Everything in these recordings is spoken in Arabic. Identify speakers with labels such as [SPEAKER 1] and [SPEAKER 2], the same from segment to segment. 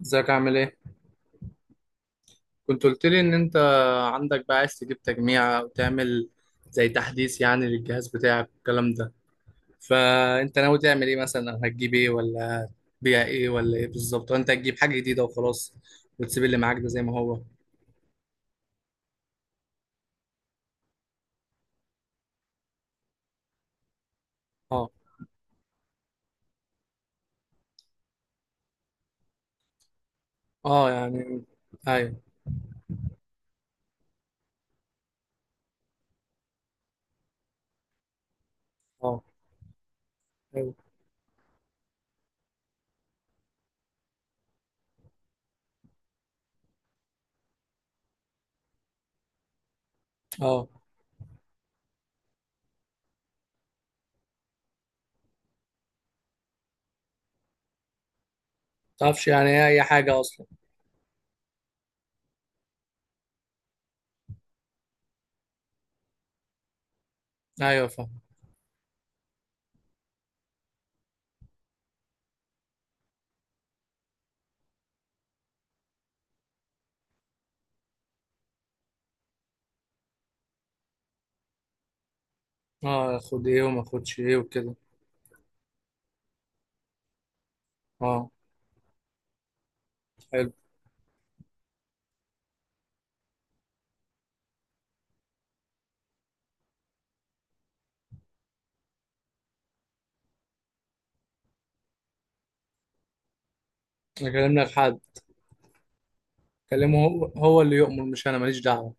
[SPEAKER 1] ازيك عامل ايه؟ كنت قلت لي ان انت عندك بقى عايز تجيب تجميع او تعمل زي تحديث، يعني للجهاز بتاعك والكلام ده. فانت ناوي تعمل ايه مثلا، أو هتجيب ايه، ولا هتبيع ايه، ولا ايه بالظبط؟ وانت هتجيب حاجة جديدة وخلاص وتسيب اللي معاك ده زي ما هو؟ اه. اه يعني. ايوه. اه. ايوه. اه. متعرفش يعني ايه اي حاجة اصلا؟ ايوه، فاهم. اه، اخد ايه وما اخدش ايه وكده. اه. حلو. اكلم لك حد؟ كلمه، هو هو اللي يؤمر، مش انا ماليش دعوة.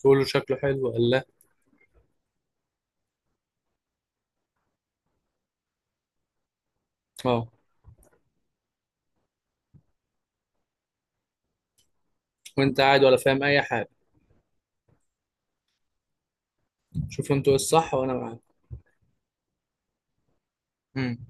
[SPEAKER 1] تقول له شكله حلو ولا؟ اه. وانت قاعد ولا فاهم اي حاجه؟ شوف انتوا ايه الصح وانا معاك. امم.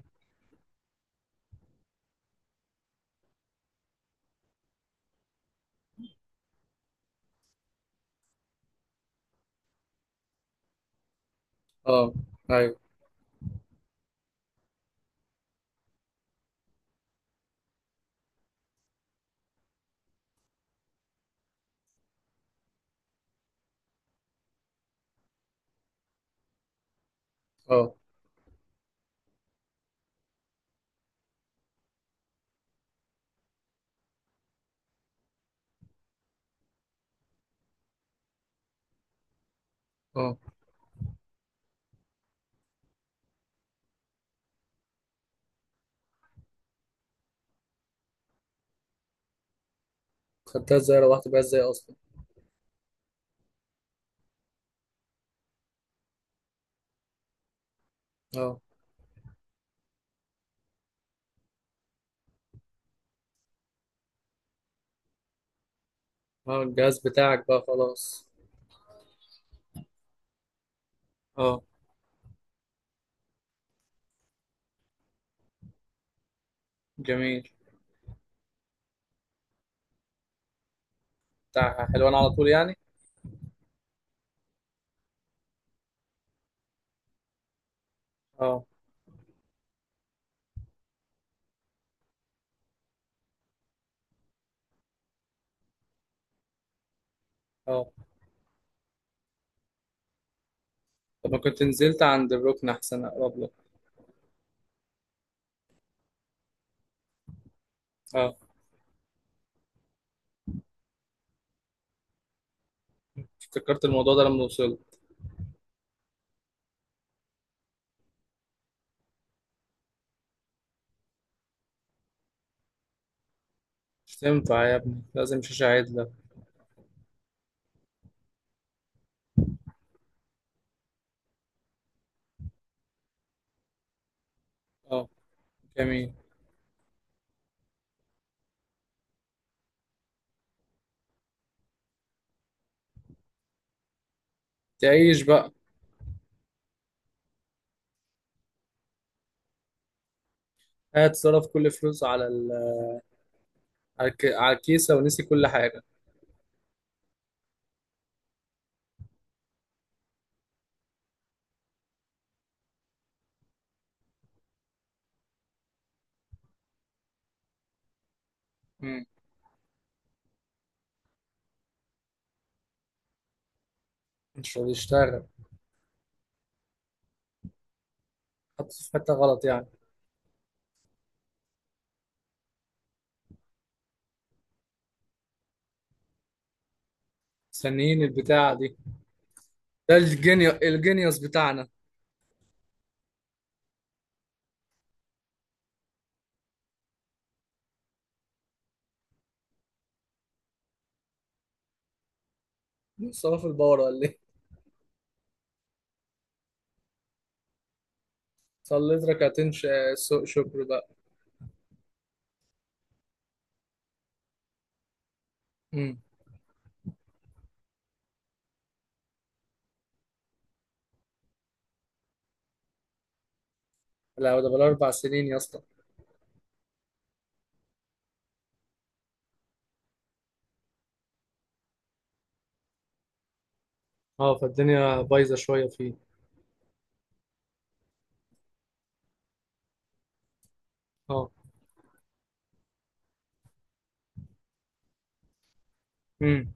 [SPEAKER 1] اه. ايوه. اه. اه. خدتها ازاي؟ روحت بيها ازاي اصلا؟ اه. اه، الجهاز بتاعك بقى خلاص. اه. جميل. بتاع حلوان على طول يعني؟ اه. اه. طب ما كنت نزلت عند الركن احسن، اقرب لك. اه. افتكرت الموضوع ده لما وصلت؟ مش تنفع يا ابني، لازم شاشة عدلة. اه. جميل. تعيش بقى. قاعد صرف كل فلوسه على الكيسة ونسي كل حاجة. مم. مش راضي يشتغل؟ حطيت في حته غلط يعني؟ مستنيين البتاعه دي. ده الجينيوس بتاعنا. صلاف البورة ولا ايه؟ صليت ركعتين سوق شكر بقى. امم. لا ده بالاربع سنين يا اسطى. اه، فالدنيا بايظه شويه فيه. اه. امم.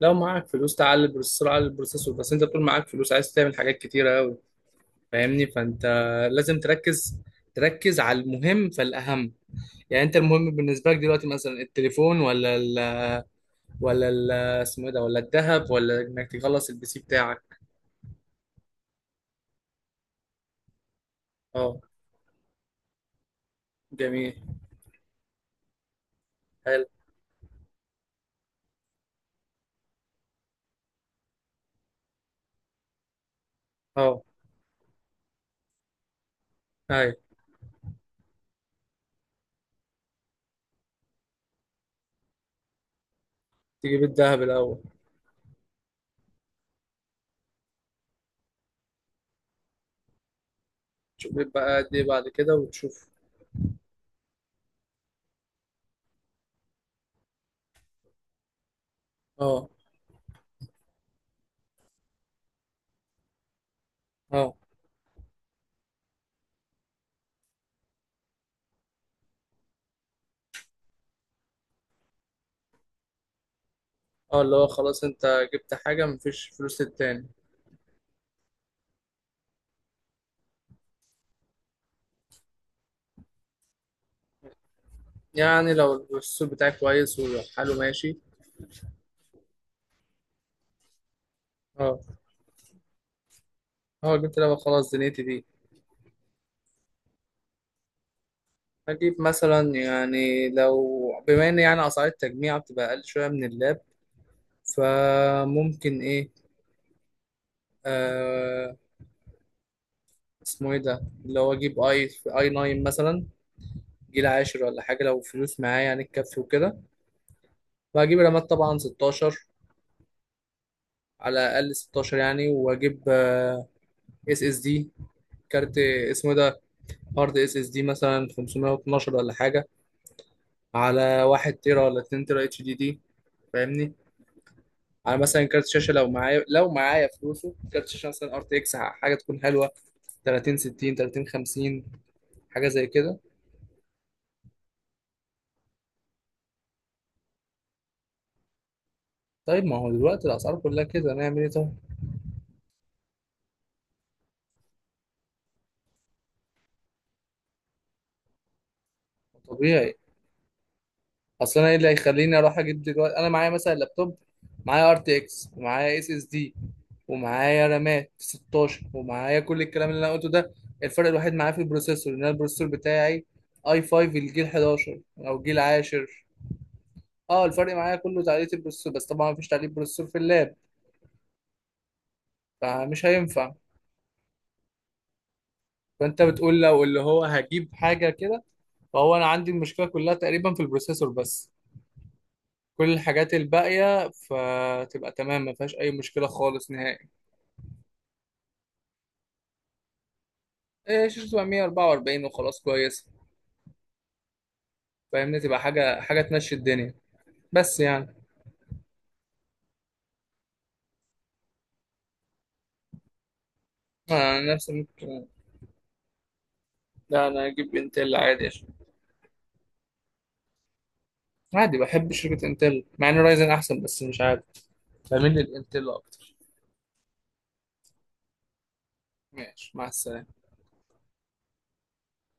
[SPEAKER 1] لو معاك فلوس تعلي البروسيسور على البروسيسور بس. انت طول معاك فلوس عايز تعمل حاجات كتيره قوي، فاهمني؟ فانت لازم تركز. تركز على المهم فالاهم. يعني انت المهم بالنسبه لك دلوقتي مثلا التليفون، ولا اسمه ايه ده، ولا الذهب، ولا انك تخلص البي سي بتاعك؟ اه. جميل. حلو. اه. ايوه. تجيب الذهب الاول. تشوف بيبقى قد ايه بعد كده، وتشوف. اه. اه. اه، اللي هو خلاص انت جبت حاجة مفيش فلوس للتاني. يعني لو السوق بتاعك كويس وحاله ماشي. اه. اه، جبت لعبة خلاص دنيتي دي. هجيب مثلا، يعني لو بما ان يعني اسعار التجميع بتبقى اقل شوية من اللاب، فممكن ايه. آه، اسمه ايه ده، اللي هو اجيب اي 9 مثلا، جيل عاشر ولا حاجه لو فلوس معايا يعني تكفي وكده. وهجيب رامات طبعا 16، على الاقل 16 يعني. واجيب اس اس دي. كارت اسمه إيه ده، هارد اس اس دي مثلا 512 ولا حاجه، على 1 تيرا ولا 2 تيرا اتش دي دي، فاهمني؟ على مثلا كارت شاشه لو معايا، لو معايا فلوسه، كارت شاشه مثلا ار تي اكس حاجه تكون حلوه، 30 60، 30 50، حاجه زي كده. طيب ما هو دلوقتي الاسعار كلها كده، نعمل ايه طيب؟ طبيعي. اصل انا ايه اللي هيخليني اروح اجيب دلوقتي؟ انا معايا مثلا لابتوب، معايا ار تي اكس، ومعايا اس اس دي، ومعايا رامات 16، ومعايا كل الكلام اللي انا قلته ده. الفرق الوحيد معايا في البروسيسور، ان انا البروسيسور بتاعي اي 5 الجيل 11 او جيل 10. اه، الفرق معايا كله تعديل البروسيسور بس، طبعا مفيش تعديل بروسيسور في اللاب، فمش هينفع. فانت بتقول لو اللي هو هجيب حاجه كده، فهو انا عندي المشكله كلها تقريبا في البروسيسور بس. كل الحاجات الباقيه فتبقى تمام، ما فيهاش اي مشكله خالص نهائي. إيه، شاشته تبقى 144 وخلاص كويس. فاهمني، تبقى حاجة تمشي الدنيا. بس يعني، أنا عن نفسي ممكن. لا، أنا أجيب إنتل عادي، عشان عادي بحب شركة إنتل مع إن رايزن أحسن، بس مش عارف، بميل للإنتل أكتر. ماشي، مع السلامة.